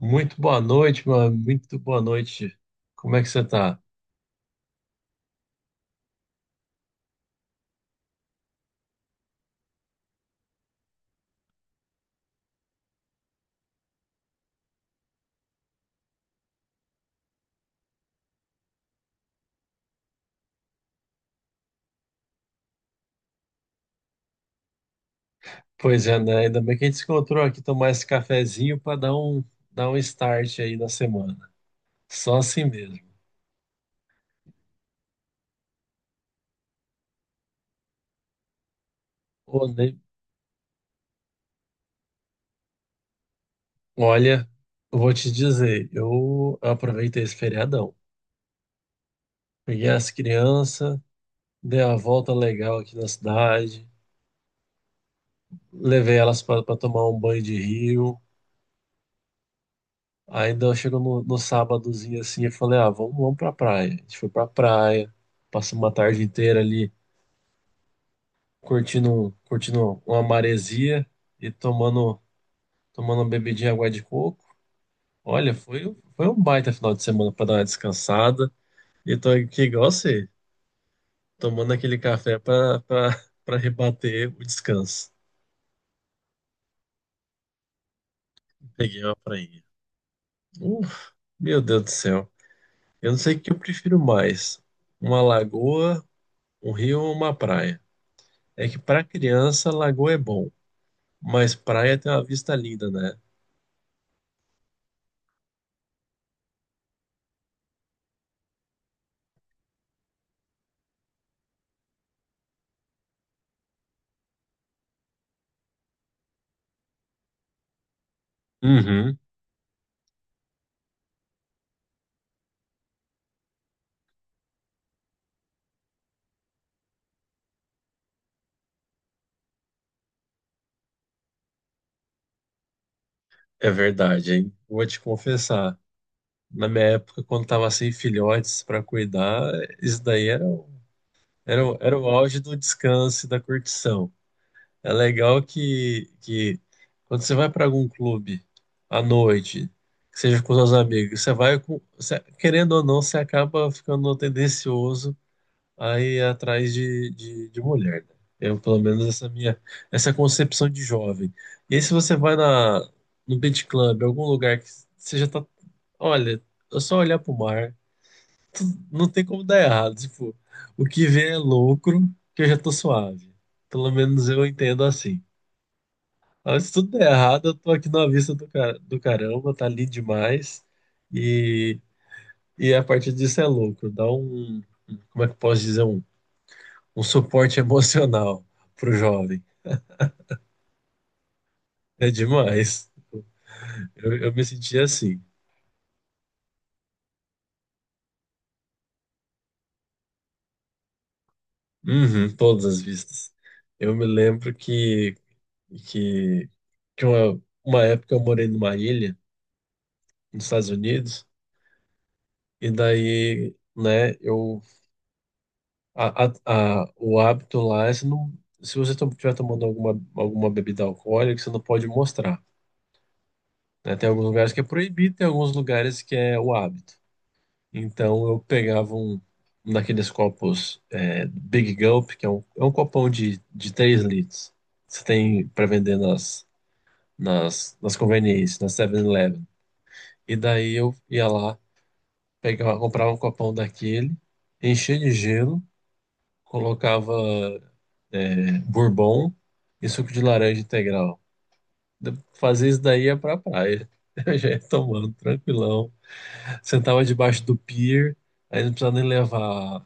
Muito boa noite, mano. Muito boa noite. Como é que você tá? Pois é, né? Ainda bem que a gente se encontrou aqui tomar esse cafezinho para dar um start aí na semana. Só assim mesmo. Ô, ne- Olha, eu vou te dizer, eu aproveitei esse feriadão. Peguei as crianças, dei uma volta legal aqui na cidade, levei elas para tomar um banho de rio. Ainda chegou no, sábadozinho assim, eu falei, ah, vamos pra praia. A gente foi pra praia, passou uma tarde inteira ali curtindo, uma maresia e tomando uma bebidinha de água de coco. Olha, foi um baita final de semana para dar uma descansada. E tô aqui igual você, tomando aquele café para rebater o descanso. Peguei uma prainha. Uf, meu Deus do céu. Eu não sei o que eu prefiro mais, uma lagoa, um rio ou uma praia. É que para criança, lagoa é bom, mas praia tem uma vista linda, né? Uhum, é verdade, hein? Vou te confessar. Na minha época, quando tava sem filhotes para cuidar, isso daí era o auge do descanso e da curtição. É legal que quando você vai para algum clube à noite, que seja com seus amigos, você vai com, você- querendo ou não, você acaba ficando tendencioso a ir atrás de mulher, né? Eu, pelo menos, essa concepção de jovem. E aí, se você vai no beach club, algum lugar que você já tá, olha, é só olhar pro mar não tem como dar errado. Tipo, o que vem é lucro, que eu já tô suave. Pelo menos eu entendo assim. Mas se tudo der errado, eu tô aqui na vista do caramba, tá ali demais. E, e a partir disso é lucro. Dá um, como é que eu posso dizer? Um suporte emocional pro jovem. É demais. Eu me senti assim. Uhum, todas as vistas. Eu me lembro que, que uma época eu morei numa ilha nos Estados Unidos. E daí, né, eu a- o hábito lá é se você estiver tomando alguma bebida alcoólica, você não pode mostrar, né? Tem alguns lugares que é proibido, tem alguns lugares que é o hábito. Então eu pegava um daqueles copos Big Gulp, que é um copão de 3 litros. Você tem para vender nas, nas conveniências, na 7-Eleven. E daí eu ia lá, pegava, comprava um copão daquele, enchia de gelo, colocava bourbon e suco de laranja integral. Fazer isso daí é pra praia. Eu já ia tomando, tranquilão. Sentava debaixo do pier, aí não precisava nem levar, não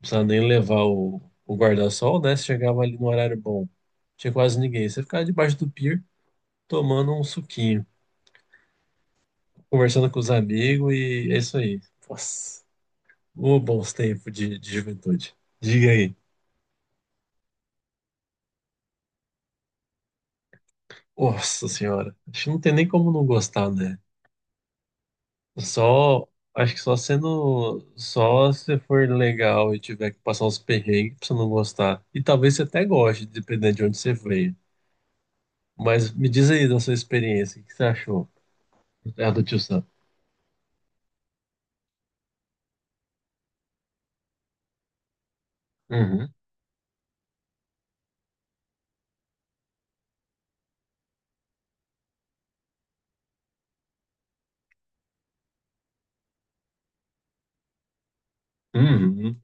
precisava nem levar o, o guarda-sol, né? Você chegava ali no horário bom. Tinha quase ninguém. Você ficava debaixo do pier tomando um suquinho, conversando com os amigos e é isso aí. Nossa, ô, bons tempos de juventude. Diga aí. Nossa senhora, acho que não tem nem como não gostar, né? Só, acho que só sendo, só se for legal e tiver que passar uns perrengues pra você não gostar. E talvez você até goste, dependendo de onde você veio. Mas me diz aí da sua experiência, o que você achou? É a do Tio Sam. Uhum, uhum,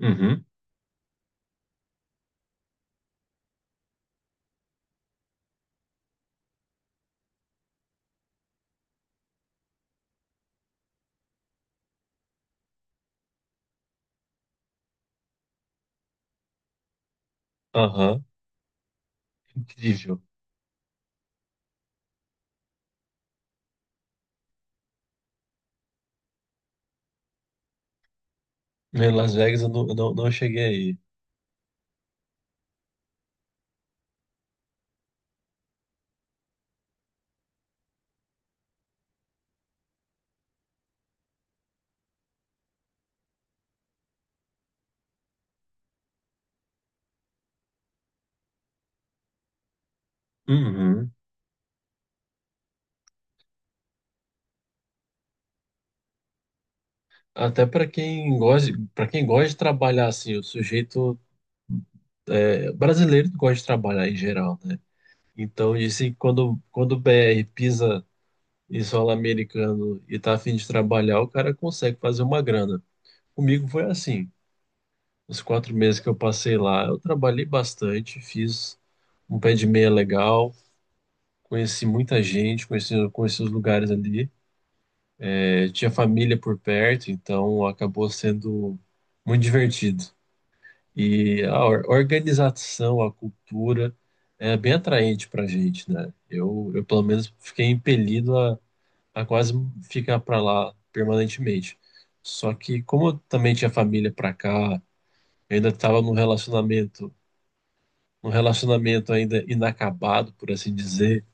uhum, aham, incrível. Em Las Vegas eu não, não cheguei aí. Uhum. Até para quem gosta de trabalhar assim, brasileiro gosta de trabalhar em geral, né? Então, disse que quando o BR pisa e solo americano e tá a fim de trabalhar, o cara consegue fazer uma grana. Comigo foi assim. Os 4 meses que eu passei lá, eu trabalhei bastante, fiz um pé de meia legal, conheci muita gente, conheci os lugares ali. É, tinha família por perto, então acabou sendo muito divertido. E a organização, a cultura é bem atraente pra gente, né? Eu pelo menos fiquei impelido a quase ficar para lá permanentemente. Só que como eu também tinha família para cá, eu ainda estava num relacionamento ainda inacabado, por assim dizer,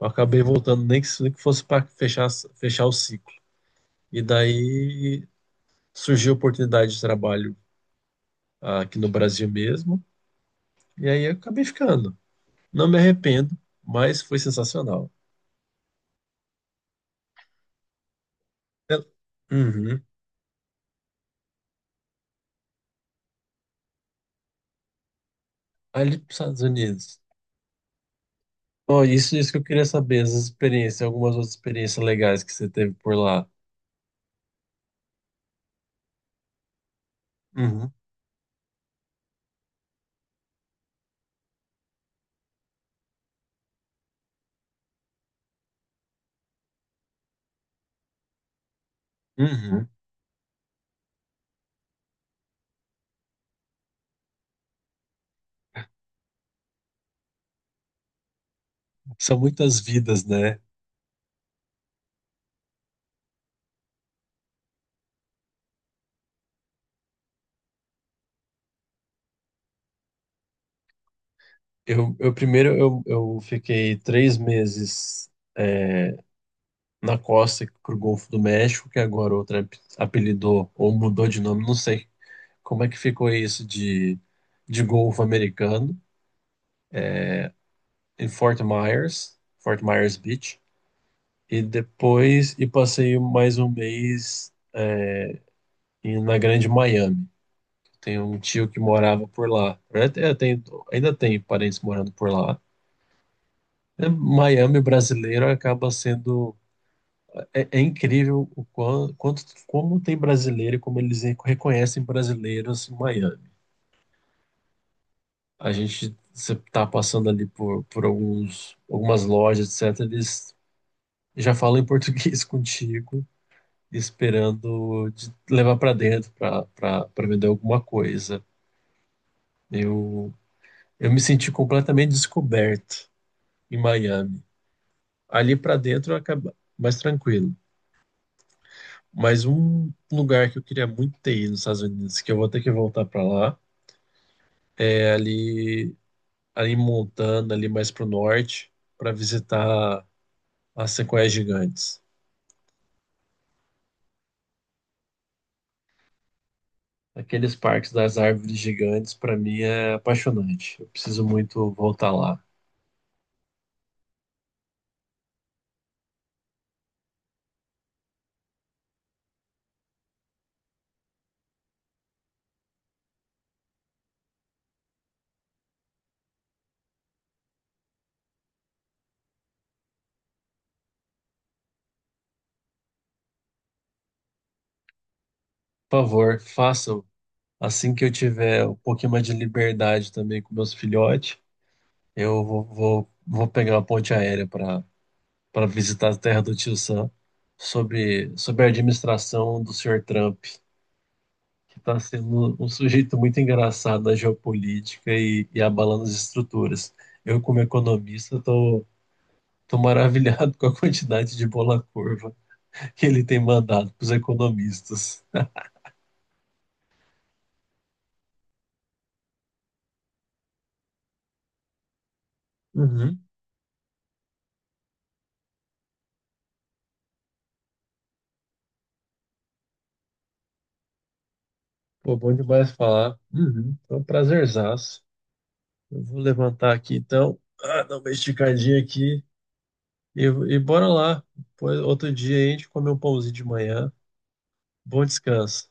eu acabei voltando nem que, fosse para fechar o ciclo. E daí surgiu a oportunidade de trabalho, aqui no Brasil mesmo, e aí eu acabei ficando. Não me arrependo, mas foi sensacional. Eu- Uhum. Ali para os Estados Unidos. Oh, isso que eu queria saber, essas experiências, algumas outras experiências legais que você teve por lá. Uhum, uhum, são muitas vidas, né? Eu primeiro eu fiquei 3 meses na costa pro Golfo do México, que agora outra apelidou ou mudou de nome, não sei como é que ficou isso de Golfo americano, em Fort Myers, Fort Myers Beach, e depois passei mais um mês na Grande Miami. Tem um tio que morava por lá. Eu te- eu tenho- ainda tem parentes morando por lá. É, Miami brasileiro acaba sendo. É incrível o como tem brasileiro e como eles reconhecem brasileiros em Miami. A gente você tá passando ali por algumas lojas, etc. Eles já falam em português contigo, esperando de levar para dentro para vender alguma coisa. Eu, eu me senti completamente descoberto em Miami. Ali para dentro acaba mais tranquilo. Mas um lugar que eu queria muito ter ido nos Estados Unidos, que eu vou ter que voltar para lá, é ali em Montana, ali mais para o norte, para visitar as sequoias gigantes. Aqueles parques das árvores gigantes, para mim, é apaixonante. Eu preciso muito voltar lá. Por favor, façam. Assim que eu tiver um pouquinho mais de liberdade também com meus filhotes, eu vou pegar uma ponte aérea para visitar a terra do Tio Sam, sobre a administração do senhor Trump, que está sendo um sujeito muito engraçado na geopolítica e abalando as estruturas. Eu, como economista, tô maravilhado com a quantidade de bola curva que ele tem mandado para os economistas. Uhum. Pô, bom demais falar. Uhum. Foi um prazerzaço. Eu vou levantar aqui então, ah, dar uma esticadinha aqui e bora lá. Depois, outro dia aí a gente come um pãozinho de manhã. Bom descanso.